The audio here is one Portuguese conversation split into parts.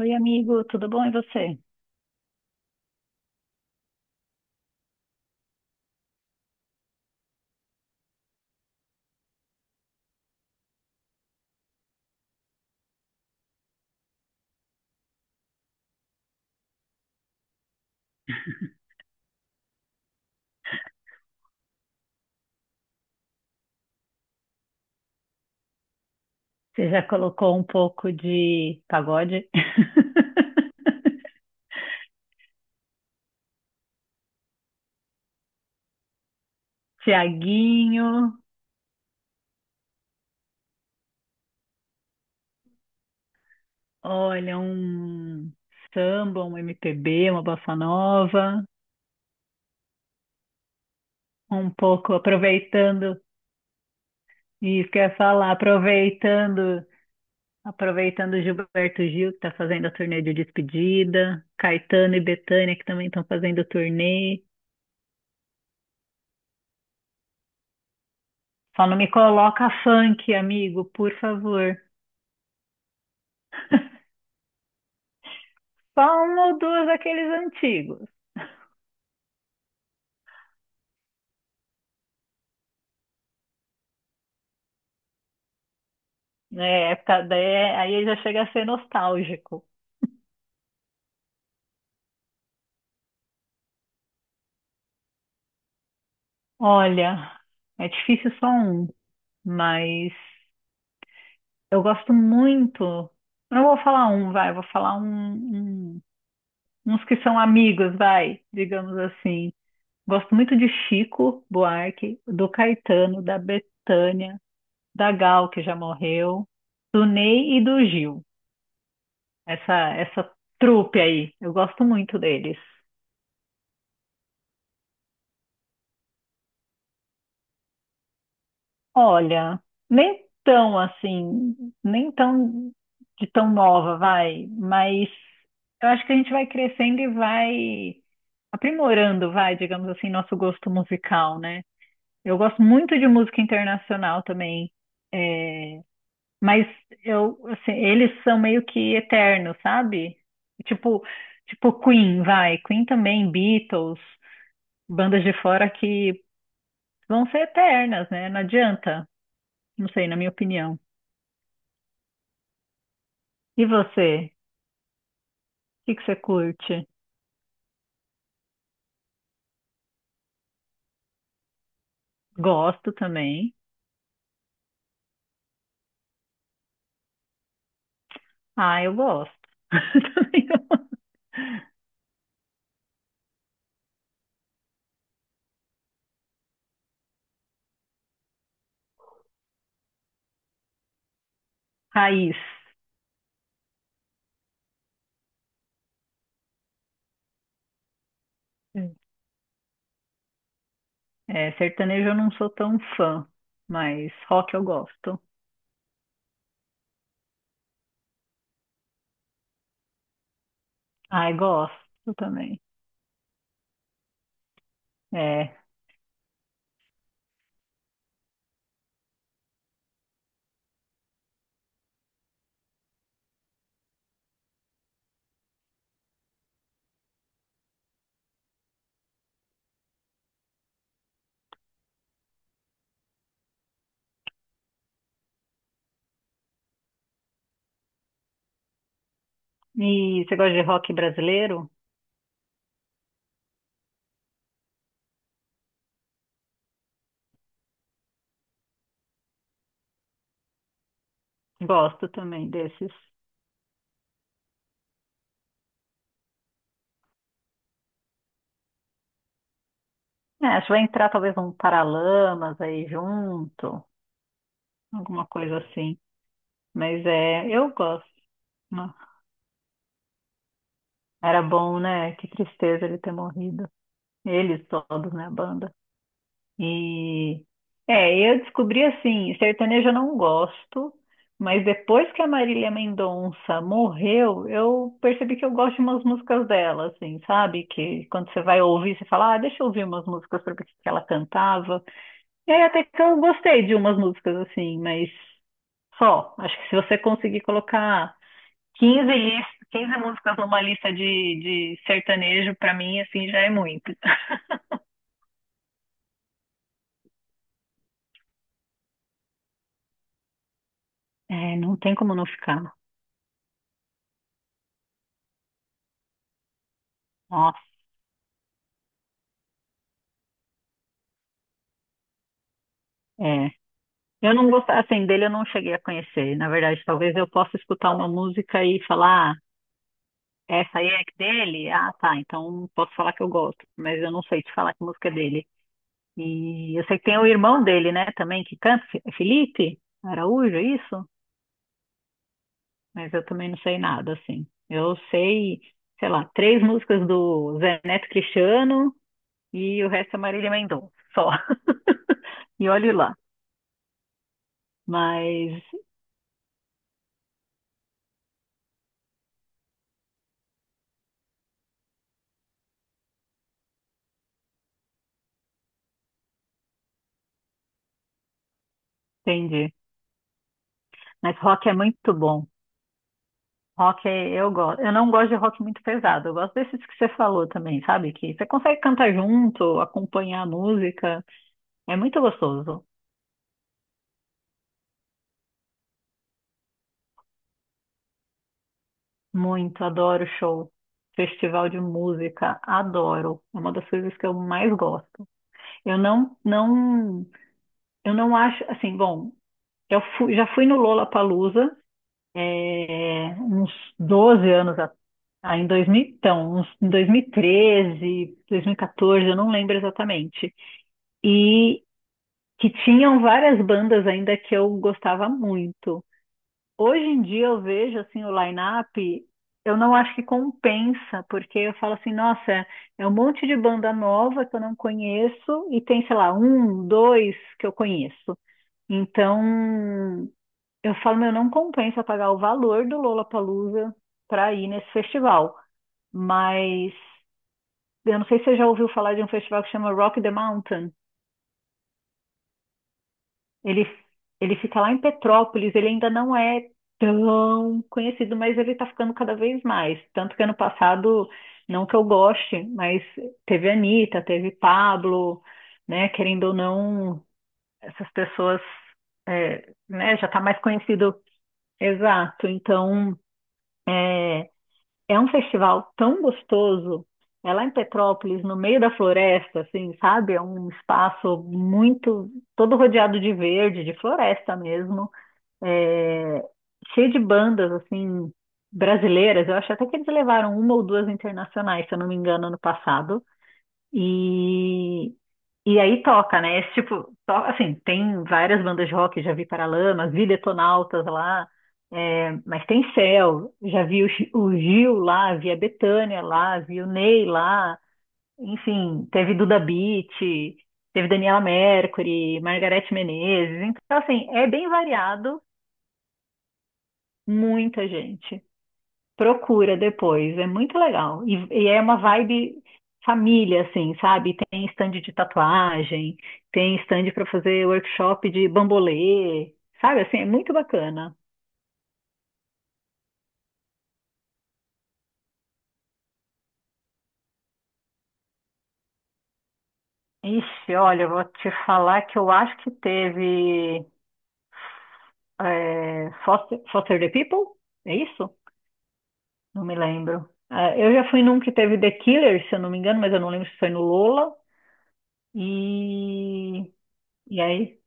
Oi, amigo, tudo bom? E você? Você já colocou um pouco de pagode? Tiaguinho, olha, um samba, um MPB, uma bossa nova, um pouco aproveitando, isso que eu ia falar, aproveitando, aproveitando Gilberto Gil, que está fazendo a turnê de despedida, Caetano e Bethânia, que também estão fazendo turnê. Só não me coloca funk, amigo, por favor. Só um ou dois daqueles antigos. É, é, aí já chega a ser nostálgico. Olha, é difícil só um, mas eu gosto muito. Eu Não vou falar um, vai, eu vou falar um, um- uns que são amigos, vai, digamos assim. Gosto muito de Chico Buarque, do Caetano, da Bethânia, da Gal, que já morreu, do Ney e do Gil. Essa trupe aí, eu gosto muito deles. Olha, nem tão assim, nem tão de tão nova, vai, mas eu acho que a gente vai crescendo e vai aprimorando, vai, digamos assim, nosso gosto musical, né? Eu gosto muito de música internacional também, é, mas eu, assim, eles são meio que eternos, sabe? Tipo, tipo Queen, vai, Queen também, Beatles, bandas de fora que vão ser eternas, né? Não adianta, não sei, na minha opinião. E você? O que que você curte? Gosto também. Ah, eu gosto. Também eu- Raiz. É, sertanejo eu não sou tão fã, mas rock eu gosto. Ai, gosto também. É. E você gosta de rock brasileiro? Gosto também desses. É, acho que vai entrar talvez um Paralamas aí junto, alguma coisa assim. Mas é, eu gosto. Era bom, né? Que tristeza ele ter morrido. Eles todos na banda. E é, eu descobri assim, sertanejo eu não gosto, mas depois que a Marília Mendonça morreu, eu percebi que eu gosto de umas músicas dela, assim, sabe? Que quando você vai ouvir, você fala, ah, deixa eu ouvir umas músicas pra ver o que que ela cantava. E aí até que eu gostei de umas músicas assim, mas só. Acho que se você conseguir colocar 15 músicas numa lista de sertanejo, pra mim, assim, já é muito. É, não tem como não ficar. Nossa, é. Eu não gostava, assim, dele eu não cheguei a conhecer. Na verdade, talvez eu possa escutar uma música e falar, "Ah, essa aí é dele? Ah, tá, então posso falar que eu gosto. Mas eu não sei te falar que música é dele. E eu sei que tem o irmão dele, né, também, que canta, Felipe Araújo, é isso? Mas eu também não sei nada, assim. Eu sei, sei lá, três músicas do Zé Neto Cristiano e o resto é Marília Mendonça, só. E olhe lá. Mas Entendi. Mas rock é muito bom. Rock é, eu gosto. Eu não gosto de rock muito pesado. Eu gosto desses que você falou também, sabe? Que você consegue cantar junto, acompanhar a música. É muito gostoso. Muito, adoro show. Festival de música, adoro. É uma das coisas que eu mais gosto. Eu não, não, eu não acho, assim, bom, já fui no Lollapalooza uns 12 anos atrás. Ah, em dois mil então, uns, Em 2013, 2014, eu não lembro exatamente. E que tinham várias bandas ainda que eu gostava muito. Hoje em dia eu vejo assim o line-up, eu não acho que compensa, porque eu falo assim, nossa, é um monte de banda nova que eu não conheço e tem, sei lá, um, dois que eu conheço. Então, eu falo, meu, não compensa pagar o valor do Lollapalooza para ir nesse festival. Mas eu não sei se você já ouviu falar de um festival que chama Rock the Mountain. Ele, ele fica lá em Petrópolis, ele ainda não é tão conhecido, mas ele está ficando cada vez mais. Tanto que ano passado, não que eu goste, mas teve Anitta, teve Pablo, né? Querendo ou não, essas pessoas, é, né, já está mais conhecido. Exato. Então, é um festival tão gostoso. É lá em Petrópolis, no meio da floresta, assim, sabe? É um espaço muito, todo rodeado de verde, de floresta mesmo. É, cheio de bandas, assim, brasileiras. Eu acho até que eles levaram uma ou duas internacionais, se eu não me engano, ano passado. E, e aí toca, né? Esse tipo, to- assim, tem várias bandas de rock, já vi Paralamas, vi Detonautas lá, é, mas tem Céu, já vi o Gil lá, vi a Bethânia lá, vi o Ney lá, enfim, teve Duda Beat, teve Daniela Mercury, Margareth Menezes, então assim, é bem variado, muita gente. Procura depois, é muito legal. E é uma vibe família, assim, sabe? Tem stand de tatuagem, tem stand para fazer workshop de bambolê, sabe? Assim, é muito bacana. Ixi, olha, eu vou te falar que eu acho que teve Foster the People, é isso? Não me lembro. É, eu já fui num que teve The Killers, se eu não me engano, mas eu não lembro se foi no Lola. E, e aí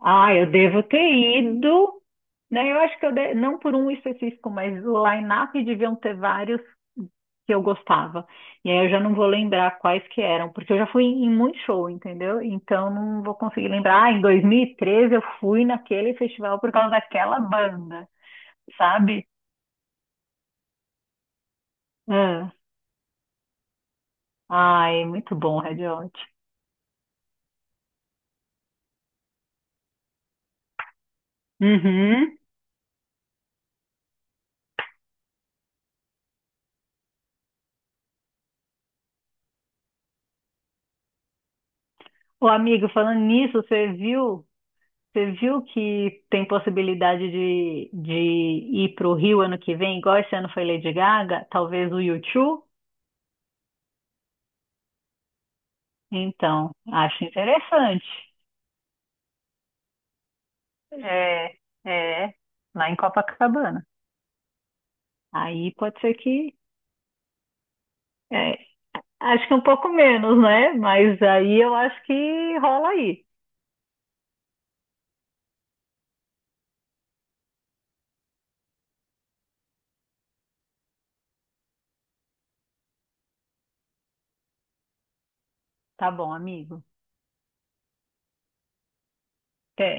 Ah, eu devo ter ido, né? Eu acho que não por um específico, mas o line-up deviam ter vários que eu gostava. E aí eu já não vou lembrar quais que eram, porque eu já fui em muito show, entendeu? Então não vou conseguir lembrar. Ah, em 2013 eu fui naquele festival por causa daquela banda, sabe? Ah, ai, muito bom, Red Hot. Uhum. Ô, amigo, falando nisso, você viu? Você viu que tem possibilidade de ir para o Rio ano que vem, igual esse ano foi Lady Gaga? Talvez o U2? Então, acho interessante. É, é, lá em Copacabana. Aí pode ser que. É, acho que um pouco menos, né? Mas aí eu acho que rola aí. Tá bom, amigo. Até.